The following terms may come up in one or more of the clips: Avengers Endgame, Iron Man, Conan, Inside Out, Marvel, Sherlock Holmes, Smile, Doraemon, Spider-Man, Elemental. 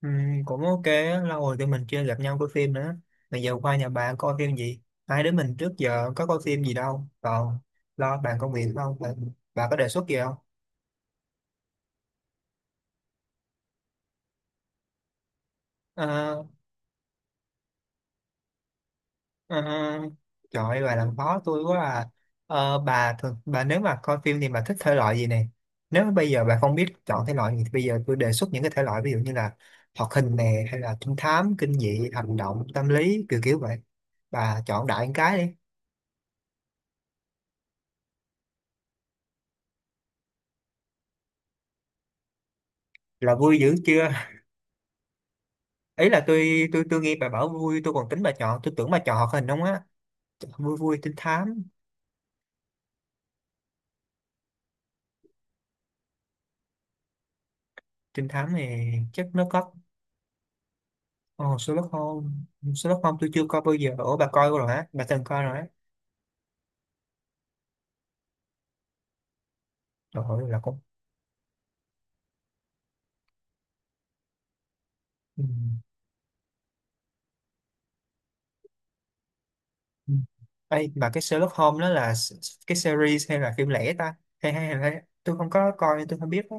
Ừ, cũng ok á, lâu rồi tụi mình chưa gặp nhau coi phim nữa. Bây giờ qua nhà bạn coi phim gì? Hai đứa mình trước giờ có coi phim gì đâu, còn lo bàn công việc không bà, bà có đề xuất gì không? Ờ, ờ, Trời ơi bà làm khó tôi quá à. Bà nếu mà coi phim thì bà thích thể loại gì này? Nếu mà bây giờ bà không biết chọn thể loại gì thì bây giờ tôi đề xuất những cái thể loại, ví dụ như là hoạt hình nè, hay là trinh thám, kinh dị, hành động, tâm lý, kiểu kiểu vậy. Bà chọn đại một cái đi. Là vui dữ chưa? Ý là tôi nghe bà bảo vui tôi còn tính bà chọn, tôi tưởng bà chọn hoạt hình không á. Vui vui trinh thám. Trinh thám này chắc nó có. Ồ, Sherlock Holmes. Sherlock Holmes tôi chưa coi bao giờ, ủa bà coi rồi hả, bà từng coi rồi á? Trời ơi là cũng. Ừ. Ừ. Ê, mà cái Sherlock Holmes đó là cái series hay là phim lẻ ta, hay hay hay hay- tôi không có coi nên tôi không biết á.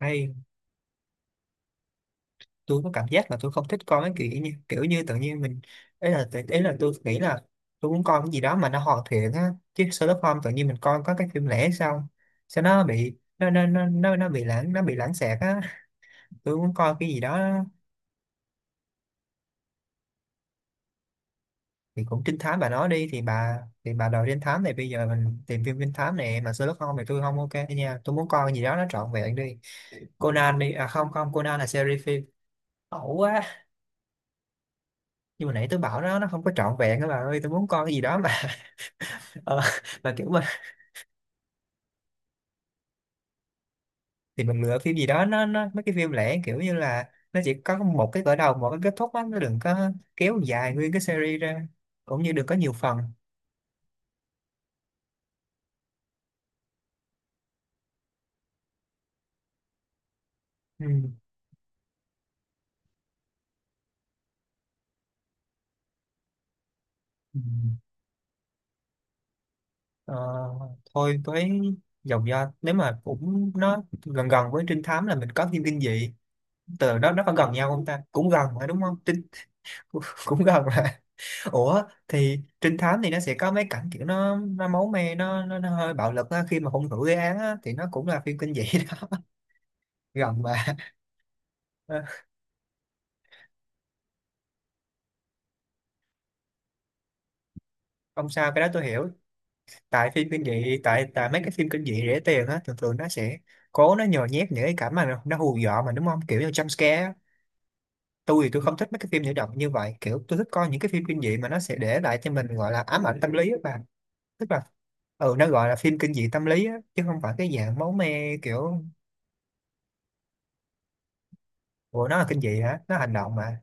Ê, tôi có cảm giác là tôi không thích coi mấy kiểu như tự nhiên mình, ấy là tôi nghĩ là tôi muốn coi cái gì đó mà nó hoàn thiện á. Chứ Sherlock Holmes tự nhiên mình coi có cái phim lẻ sao, sao nó bị nó bị lãng xẹt á. Tôi muốn coi cái gì đó. Thì cũng trinh thám bà nói đi, thì bà đòi trinh thám này. Bây giờ mình tìm phim trinh thám này mà Sherlock Holmes thì tôi không ok nha, tôi muốn coi cái gì đó nó trọn vẹn đi. Conan đi, à không không, Conan là series phim. Ẩu quá. Nhưng mà nãy tôi bảo nó không có trọn vẹn các bà ơi, tôi muốn coi cái gì đó mà. ờ, mà kiểu mà. Thì mình lựa phim gì đó, nó mấy cái phim lẻ kiểu như là nó chỉ có một cái khởi đầu, một cái kết thúc á. Nó đừng có kéo dài nguyên cái series ra. Cũng như đừng có nhiều phần. Ừ. Ừ. Ờ, Thôi với dòng do, nếu mà cũng nó gần gần với trinh thám là mình có phim kinh dị. Từ đó nó có gần nhau không ta, cũng gần phải đúng không, trinh. Cũng cũng gần mà. Ủa thì trinh thám thì nó sẽ có mấy cảnh kiểu nó máu me, nó hơi bạo lực á, khi mà hung thủ gây án á thì nó cũng là phim kinh dị. Gần mà. Ờ, Không sao, cái đó tôi hiểu. Tại phim kinh dị, tại tại mấy cái phim kinh dị rẻ tiền á, thường thường nó sẽ cố nó nhồi nhét những cái cảnh mà nó hù dọa mà đúng không, kiểu như jump scare á. Tôi thì tôi không thích mấy cái phim nhảy động như vậy, kiểu tôi thích coi những cái phim kinh dị mà nó sẽ để lại cho mình gọi là ám ảnh tâm lý á bà. Tức là. Ừ, nó gọi là phim kinh dị tâm lý á chứ không phải cái dạng máu me kiểu. Ủa nó là kinh dị hả, nó hành động mà.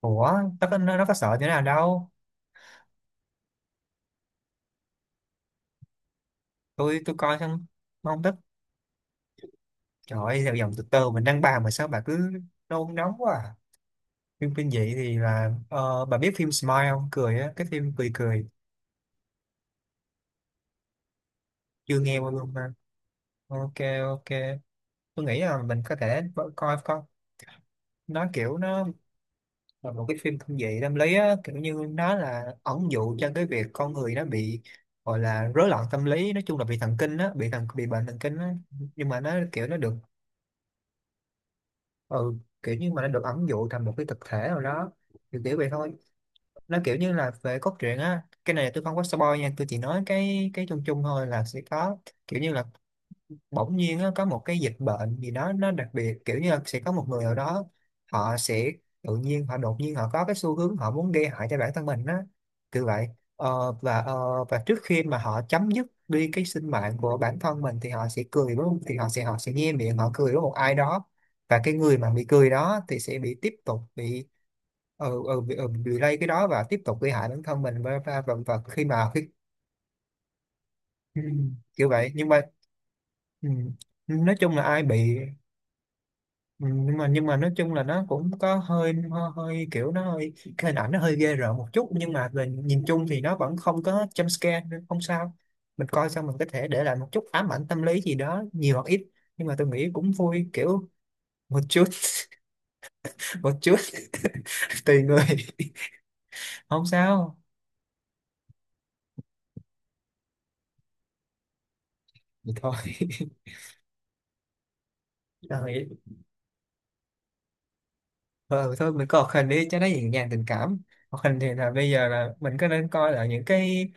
Ủa. Nó có sợ như nào đâu. Tôi coi xong. Không thích. Trời ơi dòng, từ từ mình đang bàn mà sao bà cứ nôn nóng quá à. Phim kinh dị thì là, bà biết phim Smile không, cười á, cái phim cười cười. Chưa nghe qua luôn mà. Ok. Ok. Tôi nghĩ là mình có thể coi coi. Nó kiểu nó là một cái phim kinh dị tâm lý á, kiểu như nó là ẩn dụ cho cái việc con người nó bị, gọi là rối loạn tâm lý, nói chung là bị thần kinh á, bị bệnh thần kinh á. Nhưng mà nó kiểu nó được. Ừ, kiểu như mà nó được ẩn dụ thành một cái thực thể nào đó. Kiểu kiểu vậy thôi. Nó kiểu như là về cốt truyện á, cái này tôi không có spoil nha, tôi chỉ nói cái chung chung thôi là sẽ có. Kiểu như là bỗng nhiên á, có một cái dịch bệnh gì đó nó đặc biệt, kiểu như là sẽ có một người ở đó họ sẽ, tự nhiên họ đột nhiên họ có cái xu hướng họ muốn gây hại cho bản thân mình á. Kiểu vậy. Và trước khi mà họ chấm dứt đi cái sinh mạng của bản thân mình thì họ sẽ cười với thì họ sẽ nhe miệng họ cười với một ai đó. Và cái người mà bị cười đó thì sẽ bị, tiếp tục bị. Ừ, ừ, bị lây cái đó và tiếp tục gây hại bản thân mình và khi mà khi. Ừ, kiểu vậy nhưng mà. Ừ, nói chung là ai bị. Ừ, nhưng mà nói chung là nó cũng có hơi hơi, kiểu nó hơi cái hình ảnh nó hơi ghê rợn một chút, nhưng mà về nhìn chung thì nó vẫn không có jump scare nên không sao. Mình coi xong mình có thể để lại một chút ám ảnh tâm lý gì đó, nhiều hoặc ít. Nhưng mà tôi nghĩ cũng vui kiểu. Một chút. Một chút. Tùy người. Không sao. Thì thôi. Rồi. Ờ, Thôi mình coi hoạt hình đi cho nó nhẹ nhàng tình cảm. Hoạt hình thì là bây giờ là mình có nên coi là những cái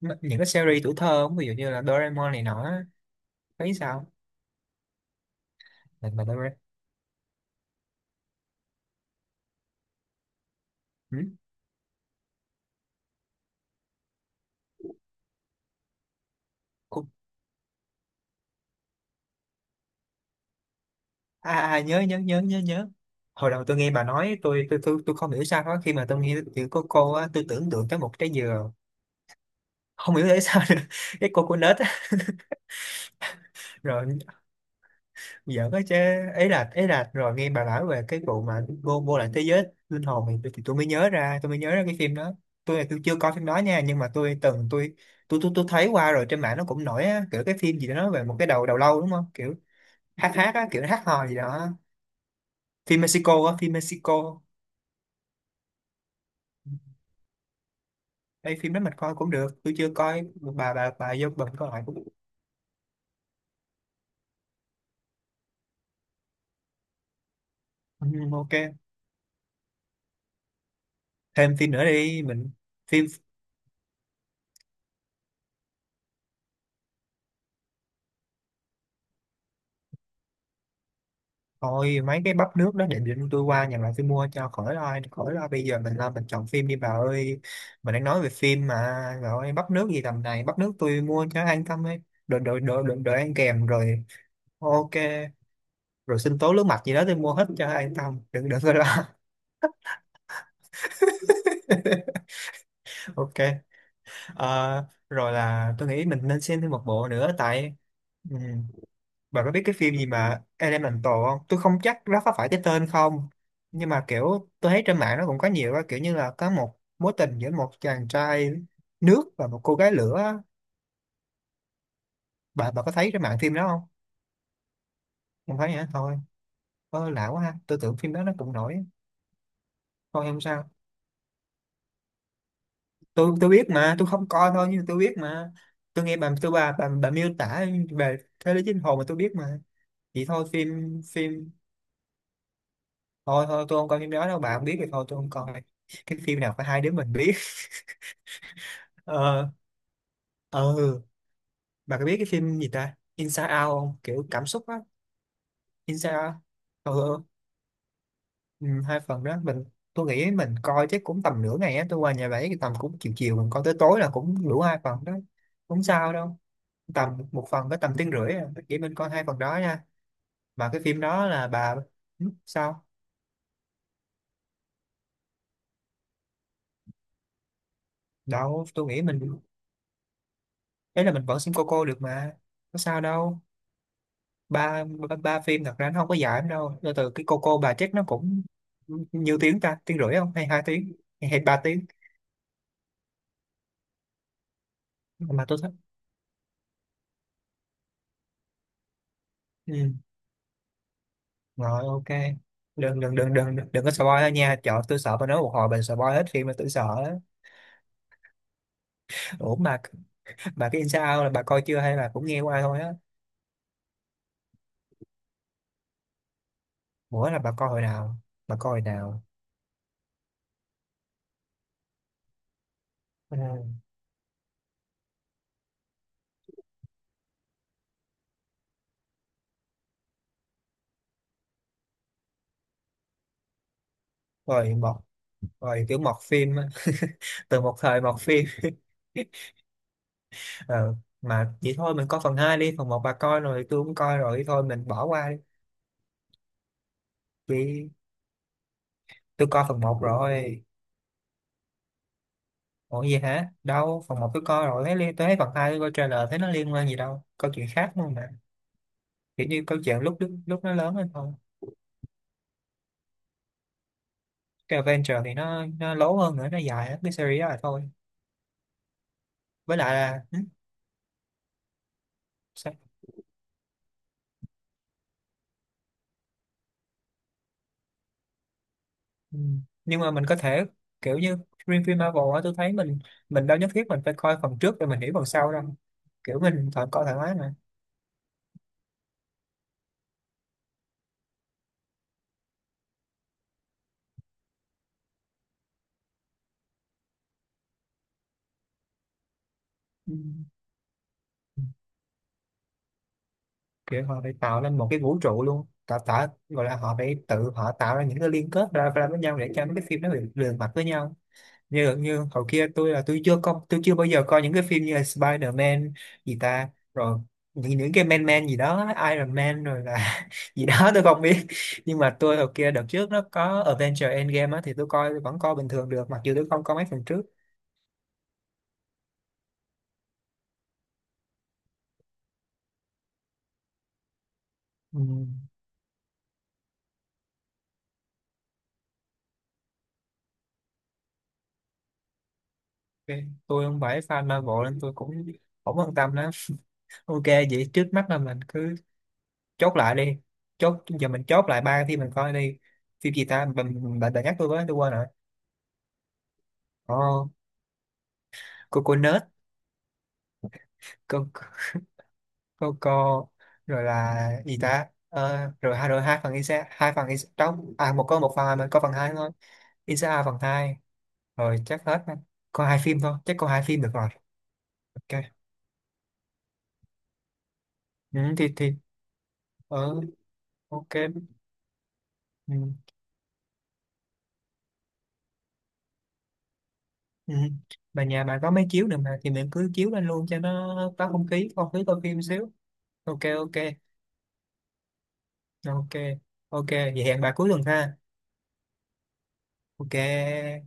Những cái series tuổi thơ không, ví dụ như là Doraemon này nọ á, thấy sao? Mà Doraemon. Ừ? Cô-. À, à à, nhớ nhớ nhớ nhớ nhớ. Hồi đầu tôi nghe bà nói, tôi không hiểu sao đó. Khi mà tôi nghe chữ cô á, tôi tưởng tượng tới một trái dừa. Không hiểu tại sao nữa. Cái cô nết á. Rồi giỡn á chứ. Ấy là rồi nghe bà nói về cái vụ mà vô vô lại thế giới linh hồn thì, thì tôi mới nhớ ra cái phim đó. Tôi là tôi chưa coi phim đó nha, nhưng mà tôi từng tôi thấy qua rồi trên mạng nó cũng nổi á, kiểu cái phim gì đó nói về một cái đầu đầu lâu đúng không. Hát hát á, kiểu hát hò gì đó. Phim Mexico á, phim Mexico. Đây phim đó mình coi cũng được, tôi chưa coi, bà vô bình coi lại cũng. Ừ, ok. Thêm phim nữa đi mình. Phim. Thôi mấy cái bắp nước đó để, định tôi qua nhà lại tôi mua cho, khỏi lo khỏi lo. Bây giờ mình lo mình chọn phim đi bà ơi. Mình đang nói về phim mà. Rồi bắp nước gì tầm này, bắp nước tôi mua cho an tâm ấy. Đồ đồ đồ đồ, Đồ ăn kèm rồi. Ok. Rồi sinh tố nước mặt gì đó tôi mua hết cho an tâm, đừng đừng có lo. Ok. Rồi là tôi nghĩ mình nên xem thêm một bộ nữa tại. Ừ, bà có biết cái phim gì mà Elemental không? Tôi không chắc nó có phải cái tên không, nhưng mà kiểu tôi thấy trên mạng nó cũng có nhiều á, kiểu như là có một mối tình giữa một chàng trai nước và một cô gái lửa á. Bà có thấy trên mạng phim đó không? Không thấy hả? Thôi, ơ lạ quá ha. Tôi tưởng phim đó nó cũng nổi. Thôi không sao. Tôi biết mà, tôi không coi thôi nhưng tôi biết mà. Tôi nghe bà, bà miêu tả về thế giới chính hồn mà tôi biết mà. Vậy thôi phim phim. Thôi thôi tôi không coi phim đó đâu, bà không biết thì thôi tôi không coi. Cái phim nào phải hai đứa mình biết. Ờ. Ừ. Bà có biết cái phim gì ta Inside Out không, kiểu cảm xúc á? Inside Out. Ừ, ừ. Ừ, hai phần đó mình. Tôi nghĩ mình coi chắc cũng tầm nửa ngày á, tôi qua nhà bảy thì tầm cũng chiều chiều mình coi tới tối là cũng đủ hai phần đó. Không sao đâu. Tầm một phần có tầm tiếng rưỡi à. Chỉ mình coi hai phần đó nha. Mà cái phim đó là bà. Ừ, sao đâu tôi nghĩ mình. Ấy là mình vẫn xem cô được mà. Có sao đâu. Ba. Ba phim thật ra nó không có dài lắm đâu, từ từ cái cô bà chết nó cũng. Nhiêu tiếng ta, tiếng rưỡi không hay 2 tiếng? Hay 3 tiếng? Mà tôi thích. Ừ. Rồi ok. Đừng đừng đừng đừng đừng có spoil đó nha, trời tôi sợ bà nói một hồi bà spoil hết phim mà, tôi sợ á. Ủa mà. Bà cái Inside Out là bà coi chưa hay là cũng nghe qua thôi á? Bữa là bà coi hồi nào? Bà coi hồi nào? Ừ. Rồi một. Rồi kiểu mọt phim á. Từ một thời mọt phim. Ờ, mà vậy thôi mình coi phần 2 đi, phần một bà coi rồi tôi cũng coi rồi, thôi mình bỏ qua đi. Vì. Tôi coi phần một rồi. Ủa gì hả, đâu phần một tôi coi rồi thấy liên tôi thấy phần 2 tôi coi trailer thấy nó liên quan gì đâu, câu chuyện khác luôn mà. Kiểu như câu chuyện lúc lúc, lúc nó lớn hơn thôi. Cái Adventure thì nó lố hơn nữa, nó dài hết cái series đó là thôi. Với lại là ừ, sao? Ừ. Nhưng mà mình có thể. Kiểu như. Riêng phim Marvel á tôi thấy mình. Mình đâu nhất thiết mình phải coi phần trước rồi mình hiểu phần sau đâu. Kiểu mình coi thoải mái mà. Ừ. Kiểu họ phải tạo nên một cái vũ trụ luôn, tạo tạo gọi là họ phải tự họ tạo ra những cái liên kết ra với nhau để cho mấy cái phim nó liền liền mạch với nhau. Như như hồi kia tôi chưa bao giờ coi những cái phim như là Spider-Man, gì ta rồi, những cái Man Man gì đó, Iron Man rồi là gì đó tôi không biết. Nhưng mà tôi hồi kia đợt trước nó có Avengers Endgame á thì tôi vẫn coi bình thường được, mặc dù tôi không coi mấy phần trước. Ừ. Ok. Tôi không phải fan Marvel nên tôi cũng không quan tâm lắm. Ok vậy trước mắt là mình cứ. Chốt lại đi. Chốt giờ mình chốt lại ba phim mình coi đi. Phim gì ta, bạn bạn đã nhắc tôi với tôi quên rồi. Oh, coconut. Cô cô cô. Rồi là gì ta. Ờ, Rồi hai, rồi hai phần Isa đó. À một có một phần. À, mình có phần hai thôi. Isa A phần hai. Rồi chắc hết rồi. Có hai phim thôi, chắc có hai phim được rồi. Ok. Ừ, thì. ờ, ok. Ừ, ừ. Mà nhà bà có mấy chiếu nữa mà, thì mình cứ chiếu lên luôn cho nó có không khí coi phim xíu. Ok ok. Ok ok vậy hẹn bà cuối tuần ha. Ok.